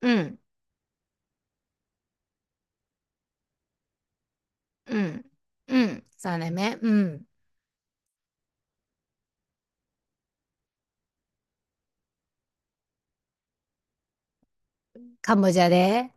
うん、うん、うん、そうだね、うん。カンボジアで。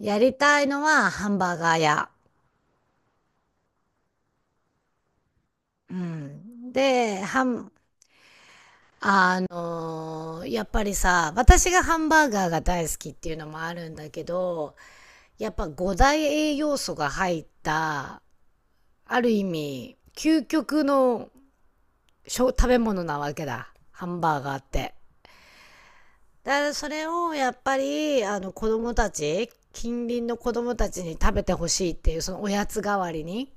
やりたいのはハンバーガー屋。うん。で、ハン、あのーやっぱりさ、私がハンバーガーが大好きっていうのもあるんだけど、やっぱ五大栄養素が入った、ある意味、究極の食べ物なわけだ、ハンバーガーって。だからそれをやっぱり、あの、子供たち近隣の子供たちに食べてほしいっていう、そのおやつ代わりに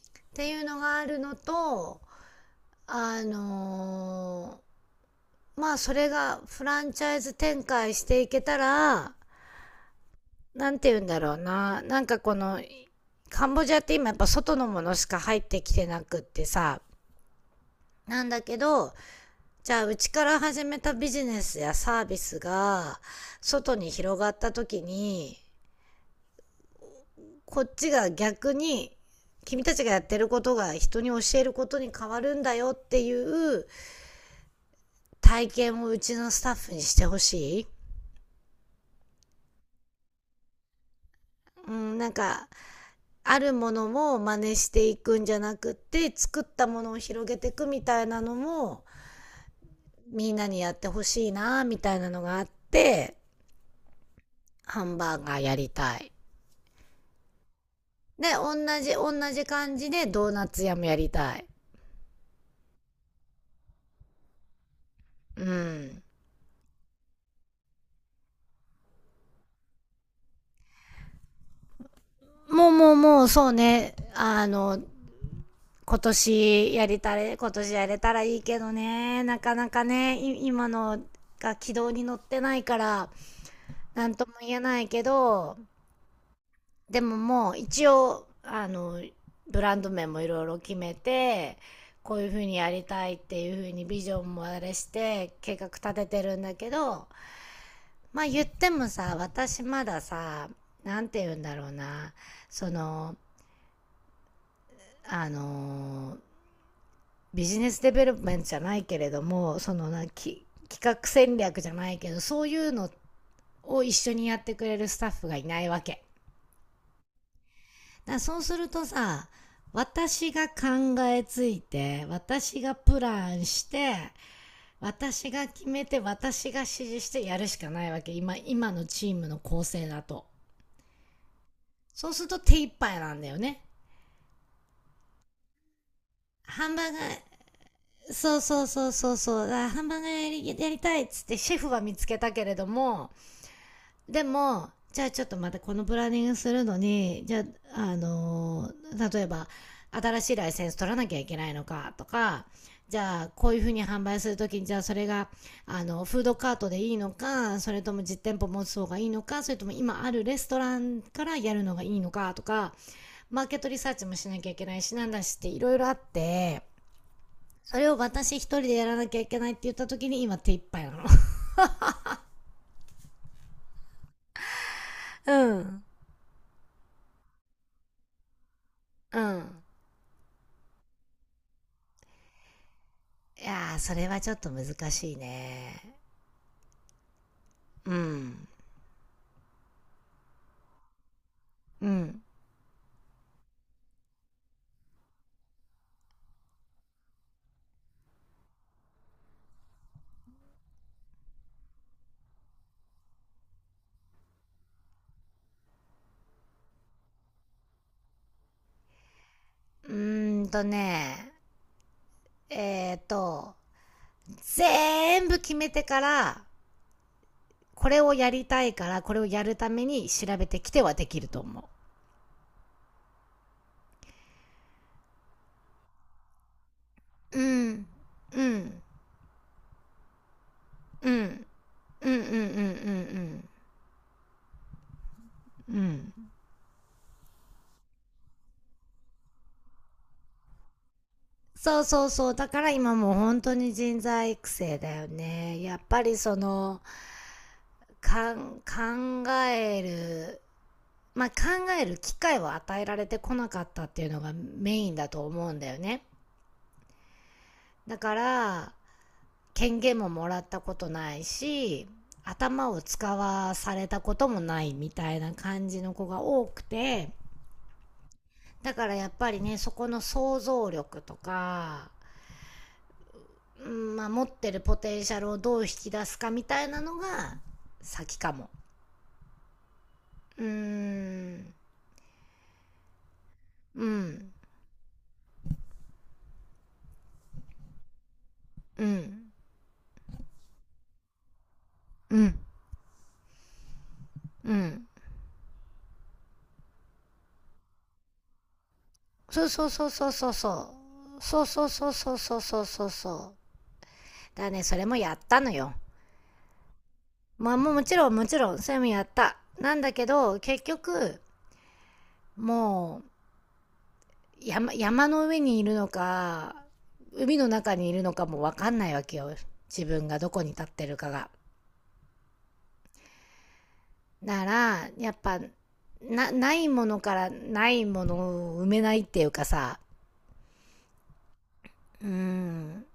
っていうのがあるのと、あのーまあそれがフランチャイズ展開していけたら、なんて言うんだろうな、なんかこの、カンボジアって今やっぱ外のものしか入ってきてなくってさ、なんだけど、じゃあうちから始めたビジネスやサービスが外に広がった時に、こっちが逆に、君たちがやってることが人に教えることに変わるんだよっていう体験をうちのスタッフにしてほしい。うん、なんか、あるものを真似していくんじゃなくって、作ったものを広げていくみたいなのもみんなにやってほしいなみたいなのがあって、ハンバーガーやりたい。で、同じ感じでドーナツ屋もやりたい。うん。もうそうね、あの、今年やれたら、今年やれたらいいけどね、なかなかね、今のが軌道に乗ってないから、なんとも言えないけど、でももう一応、あの、ブランド名もいろいろ決めて、こういうふうにやりたいっていう風にビジョンもあれして計画立ててるんだけど、まあ言ってもさ、私まださ、なんて言うんだろうな、その、あの、ビジネスデベロップメントじゃないけれども、その、企画戦略じゃないけど、そういうのを一緒にやってくれるスタッフがいないわけだ。そうするとさ、私が考えついて、私がプランして、私が決めて、私が指示してやるしかないわけ、今のチームの構成だと。そうすると手一杯なんだよね。ハンバーガーそうそうそうそうそう、ハンバーガーやりたいっつって、シェフは見つけたけれども、でもじゃあちょっとまた、このプランニングするのに、じゃあ、例えば新しいライセンス取らなきゃいけないのかとか、じゃあこういうふうに販売するときに、じゃあそれが、あのフードカートでいいのか、それとも実店舗持つ方がいいのか、それとも今あるレストランからやるのがいいのかとか、マーケットリサーチもしなきゃいけないしなんだしって、いろいろあって、それを私一人でやらなきゃいけないって言ったときに今手一杯なの。うん、うん、いやー、それはちょっと難しいね。うん。うん。うーんとね、えーと、全部決めてから、これをやりたいから、これをやるために調べてきてはできると思う。うん。うん。うん。うん、うん、うん、うん、うん、うん。そうそうそう。だから今もう本当に人材育成だよね。やっぱりその、かん、考えるまあ、考える機会を与えられてこなかったっていうのがメインだと思うんだよね。だから、権限ももらったことないし、頭を使わされたこともないみたいな感じの子が多くて、だからやっぱりね、そこの想像力とか、うん、まあ、持ってるポテンシャルをどう引き出すかみたいなのが先かも。うーん、うん、うん、うん、うん。そうそうそうそうそうそう。そうそうそうそうそうそうそうそうそうそうそうそうそうだからね、それもやったのよ。まあもうもちろんもちろん、それもやった。なんだけど、結局、もう、山の上にいるのか、海の中にいるのかもわかんないわけよ、自分がどこに立ってるかが。なら、やっぱ、ないものからないものを埋めないっていうかさ、うーん、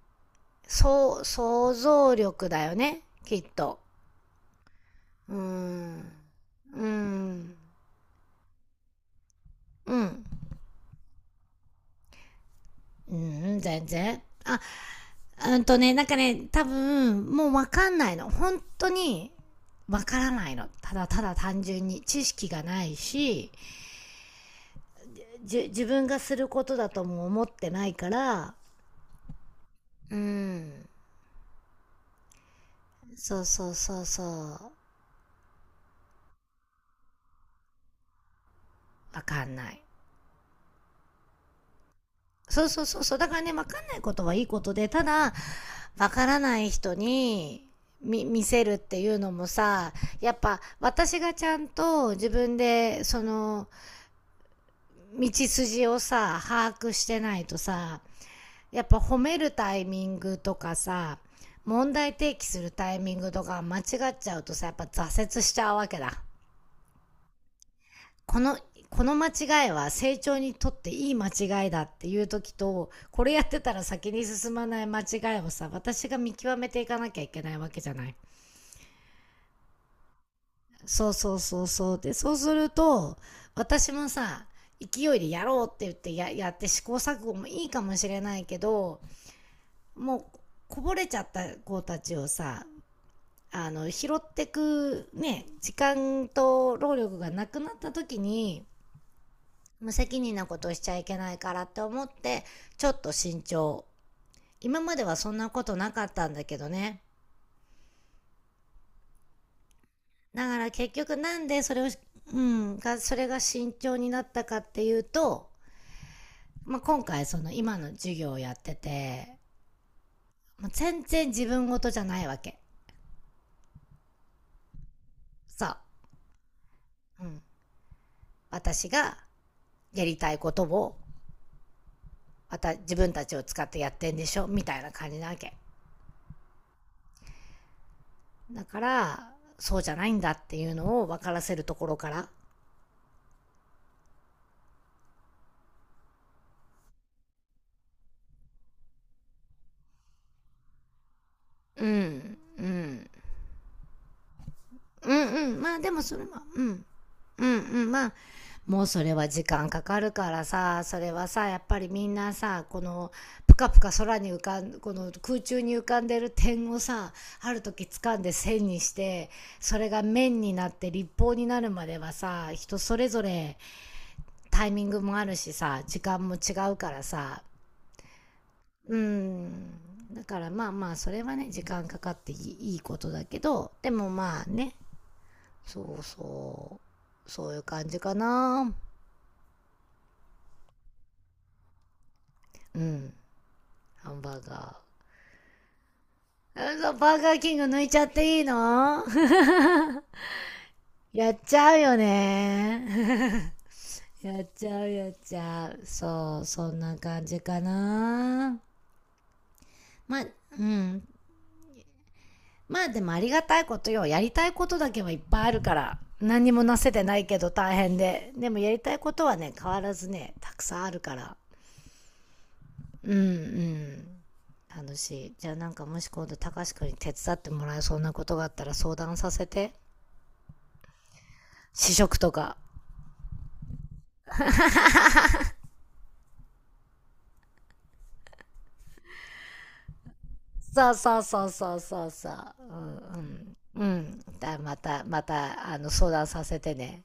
そう、想像力だよね、きっと。うーん。うーん。うん。うん、全然。あ、うんとね、なんかね、多分、もうわかんないの。本当に、わからないの。ただただ単純に知識がないし、自分がすることだとも思ってないから、うん。そうそうそうそう。わかんない。そうそうそうそう。だからね、わかんないことはいいことで、ただ、わからない人に、見せるっていうのもさ、やっぱ私がちゃんと自分でその道筋をさ把握してないとさ、やっぱ褒めるタイミングとかさ、問題提起するタイミングとか間違っちゃうとさ、やっぱ挫折しちゃうわけだ。この、この間違いは成長にとっていい間違いだっていう時と、これやってたら先に進まない間違いをさ、私が見極めていかなきゃいけないわけじゃない。そうそうそうそう。で、そうすると、私もさ、勢いでやろうって言って、やって試行錯誤もいいかもしれないけど、もうこぼれちゃった子たちをさ、あの、拾ってくね、時間と労力がなくなった時に、無責任なことしちゃいけないからって思ってちょっと慎重、今まではそんなことなかったんだけどね。だから結局、なんでそれを、うんがそれが慎重になったかっていうと、まあ、今回その今の授業をやってて、もう全然自分事じゃないわけさあ、うん、私がやりたいことをまた自分たちを使ってやってんでしょみたいな感じなわけ。だからそうじゃないんだっていうのを分からせるところから、うん、うん。うん、うん。まあでもそれは、うん。うん、うん。まあ、もうそれは時間かかるからさ、それはさ、やっぱりみんなさ、この、ぷかぷか空に浮かん、この空中に浮かんでる点をさ、ある時掴んで線にして、それが面になって立方になるまではさ、人それぞれタイミングもあるしさ、時間も違うからさ、うん。だからまあまあそれはね、時間かかっていいことだけど、でもまあね、そうそう。そういう感じかな。うん。ハンバーガー。うん、バーガーキング抜いちゃっていいの？ やっちゃうよね。やっちゃうやっちゃう。そう、そんな感じかな。まあ、うん。まあでもありがたいことよ。やりたいことだけはいっぱいあるから。何にもなせてないけど大変で。でもやりたいことはね、変わらずね、たくさんあるから。うん、うん、楽しい。じゃあ、なんかもし今度たかしくんに手伝ってもらえそうなことがあったら相談させて。試食とか。さあさあさあさあさあさあ、うん、うん、うんだ、またまた、あの、相談させてね。